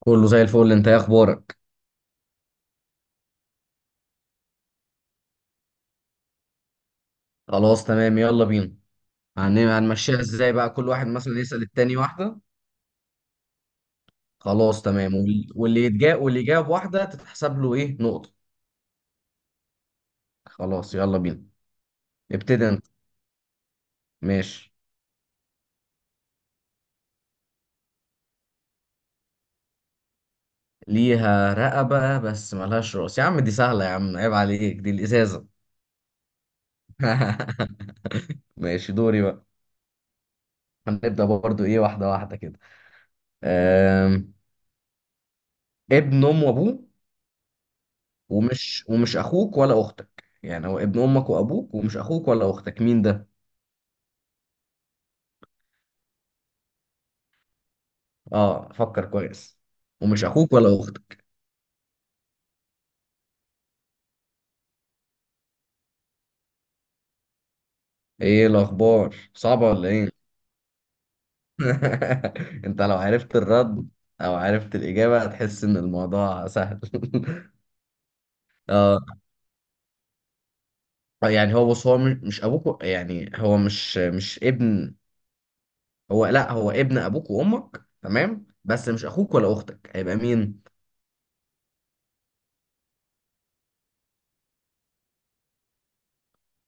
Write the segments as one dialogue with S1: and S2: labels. S1: كله زي الفل، انت ايه اخبارك؟ خلاص تمام، يلا بينا. هنمشيها ازاي بقى؟ كل واحد مثلا يسأل التاني واحدة. خلاص تمام، واللي يتجا واللي جاب واحدة تتحسب له ايه؟ نقطة. خلاص يلا بينا. ابتدي انت. ماشي. ليها رقبة بس ملهاش راس؟ يا عم دي سهلة، يا عم عيب عليك، دي الإزازة. ماشي دوري بقى. هنبدأ برضو ايه، واحدة واحدة كده. أم... ابن ام وابوه ومش اخوك ولا اختك. يعني هو ابن امك وابوك ومش اخوك ولا اختك، مين ده؟ اه فكر كويس. ومش اخوك ولا اختك. ايه الاخبار، صعبة ولا ايه؟ انت لو عرفت الرد او عرفت الاجابة هتحس ان الموضوع سهل. اه. يعني هو بص، هو مش يعني هو مش ابن، هو لا، هو ابن ابوك وامك تمام، بس مش اخوك ولا اختك، هيبقى مين؟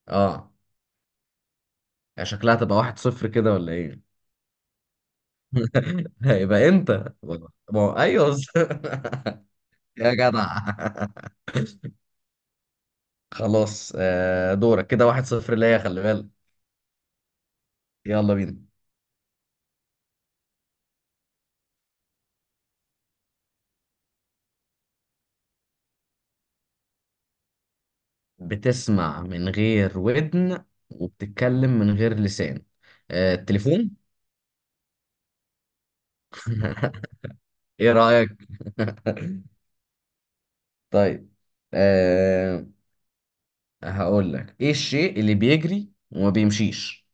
S1: اه. يعني شكلها تبقى واحد صفر كده ولا ايه؟ هيبقى انت. ما هو- ايوه. يا جدع. خلاص دورك. كده واحد صفر ليا، خلي بالك. يلا بينا. بتسمع من غير ودن وبتتكلم من غير لسان؟ التليفون. ايه رأيك؟ طيب. أه هقول لك ايه الشيء اللي بيجري وما بيمشيش؟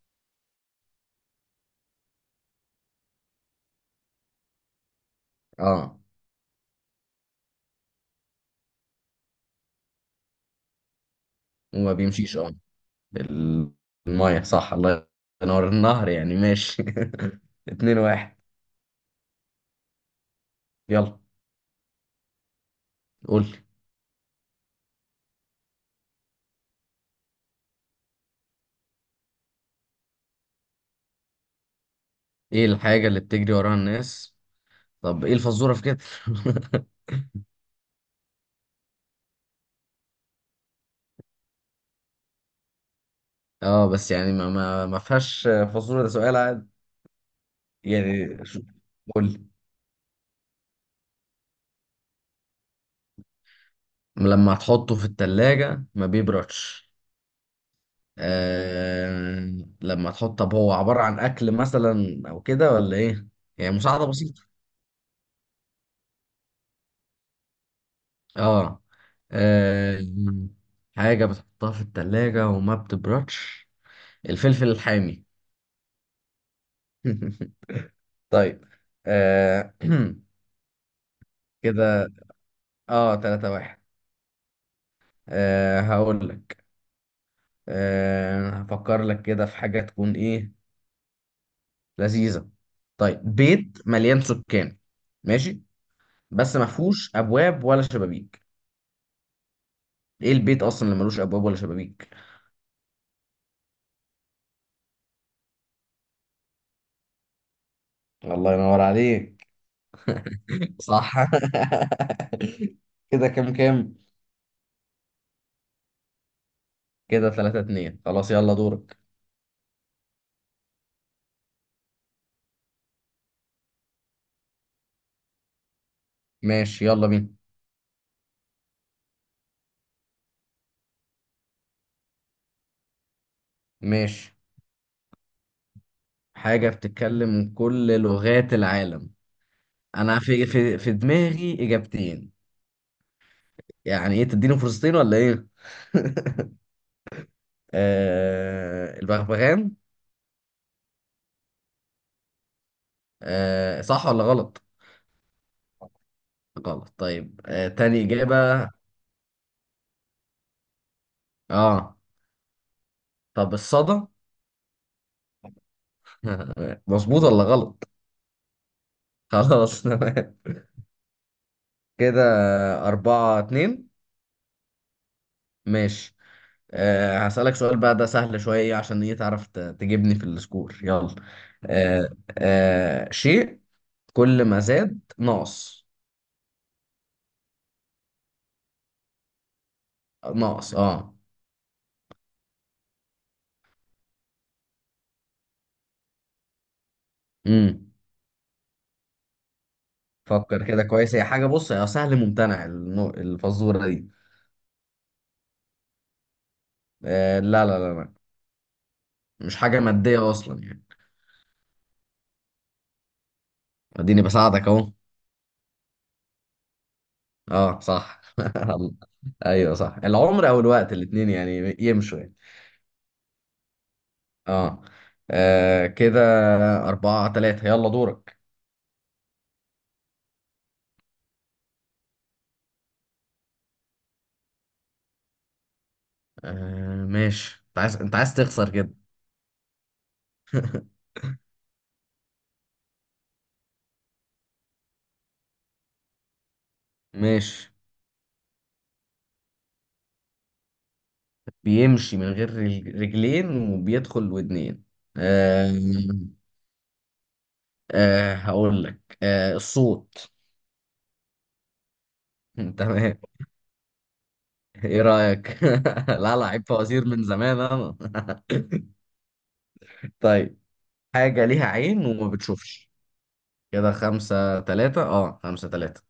S1: اه وما بيمشيش. اه، الميه صح. الله ينور، النهر يعني ماشي. اتنين واحد. يلا قول لي. ايه الحاجة اللي بتجري وراها الناس؟ طب ايه الفزورة في كده؟ اه بس يعني ما فيهاش فاصوليا، ده سؤال عادي. يعني شو- قول. لما تحطه في التلاجة ما بيبردش. لما تحط، طب هو عبارة عن أكل مثلا أو كده ولا إيه؟ يعني مساعدة بسيطة. اه. آه، حاجة بتحطها في التلاجة وما بتبردش، الفلفل الحامي. طيب. آه... كده اه تلاتة واحد. آه هقول لك. هفكر لك كده في حاجة تكون إيه؟ لذيذة. طيب، بيت مليان سكان، ماشي، بس ما فيهوش أبواب ولا شبابيك، إيه البيت أصلا اللي ملوش أبواب ولا شبابيك؟ الله ينور عليك. صح. كده كام كام؟ كده ثلاثة اتنين. خلاص يلا دورك. ماشي يلا بينا. ماشي. حاجة بتتكلم كل لغات العالم. أنا في دماغي إجابتين، يعني إيه، تديني فرصتين ولا إيه؟ آه البغبغان. آه صح ولا غلط؟ غلط، طيب آه تاني إجابة. اه. طب الصدى. مظبوط ولا غلط؟ خلاص تمام. كده أربعة اتنين. ماشي. آه هسألك سؤال بقى، ده سهل شوية، عشان إيه تعرف تجيبني في السكور، يلا. آه. آه شيء كل ما زاد ناقص. ناقص اه. امم. فكر كده كويس، هي حاجة، بص، هي سهل ممتنع، الفزورة دي. آه لا، مش حاجة مادية أصلا يعني. اديني بساعدك اهو. اه صح. ايوه صح، العمر او الوقت، الاتنين يعني يمشوا يعني. اه، آه كده أربعة تلاتة، يلا دورك. آه ماشي. انت عايز تخسر كده. ماشي. بيمشي من غير رجلين وبيدخل ودنين. آه. آه هقول لك، آه الصوت. تمام. ايه رأيك؟ لا لا، عيب، فوازير من زمان انا. طيب. حاجة ليها عين وما بتشوفش. كده خمسة تلاتة، اه خمسة تلاتة.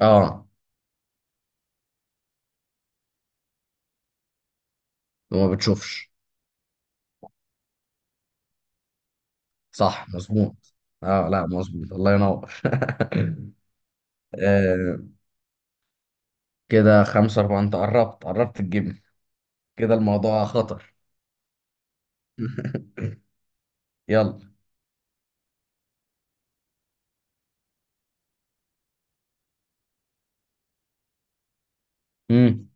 S1: اه وما بتشوفش. صح مظبوط. اه لا مظبوط، الله ينور. آه كده خمسة أربعة. أنت قربت قربت تجيبني، كده الموضوع خطر. يلا. مم.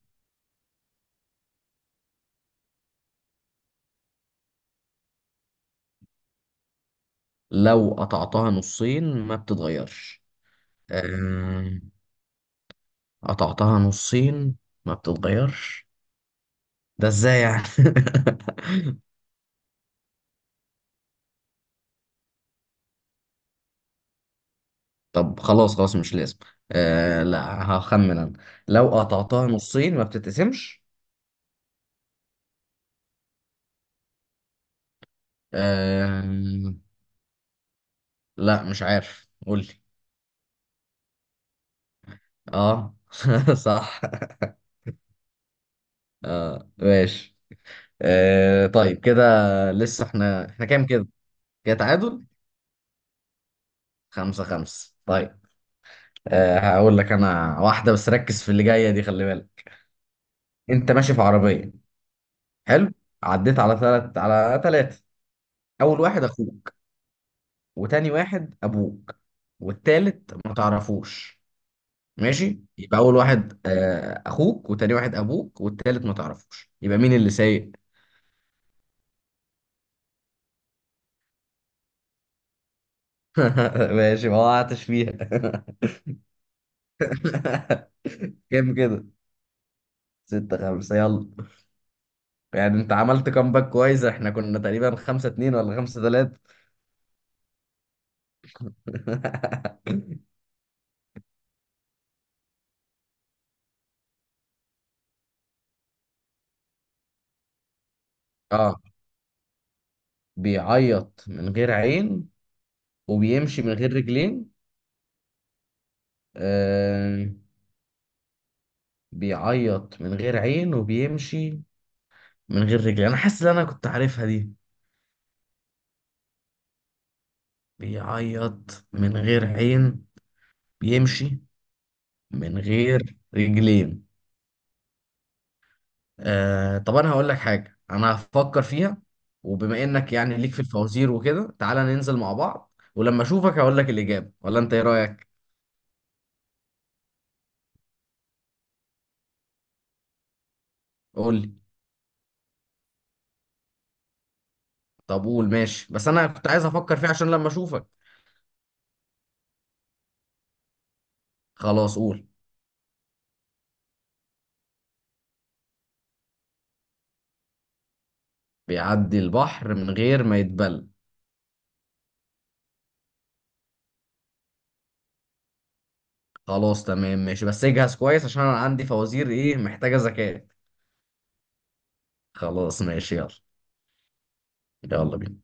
S1: لو قطعتها نصين ما بتتغيرش؟ آه، قطعتها نصين ما بتتغيرش، ده ازاي يعني؟ طب خلاص خلاص مش لازم، آه لا هخمن انا. لو قطعتها نصين ما بتتقسمش. أم... لا مش عارف، قولي. اه. صح. اه ماشي. آه طيب كده، لسه احنا كام كده؟ كده تعادل، خمسة خمسة، طيب. آه هقول لك انا واحدة بس، ركز في اللي جاية دي، خلي بالك. انت ماشي في عربية. حلو، عديت على ثلاثة، اول واحد اخوك وتاني واحد ابوك والتالت ما تعرفوش. ماشي، يبقى اول واحد آه اخوك وتاني واحد ابوك والتالت ما تعرفوش، يبقى مين اللي سايق؟ ماشي، ما وقعتش فيها. كام كده؟ ستة خمسة، يلا. يعني انت عملت كامباك كويس، احنا كنا تقريبا خمسة اتنين ولا خمسة تلاتة. اه. بيعيط من غير عين وبيمشي من غير رجلين. آه. بيعيط من غير عين وبيمشي من غير رجلين، انا حاسس ان انا كنت عارفها دي. بيعيط من غير عين، بيمشي من غير رجلين. آه طب انا هقول لك حاجه انا هفكر فيها، وبما انك يعني ليك في الفوازير وكده، تعالى ننزل مع بعض ولما اشوفك هقول لك الاجابه، ولا انت ايه رايك؟ قول لي. طب قول، ماشي، بس انا كنت عايز افكر فيها عشان لما اشوفك. خلاص قول. بيعدي البحر من غير ما يتبل. خلاص تمام ماشي، بس اجهز كويس عشان انا عندي فوازير ايه، محتاجه ذكاء. خلاص ماشي يلا. يلا بينا.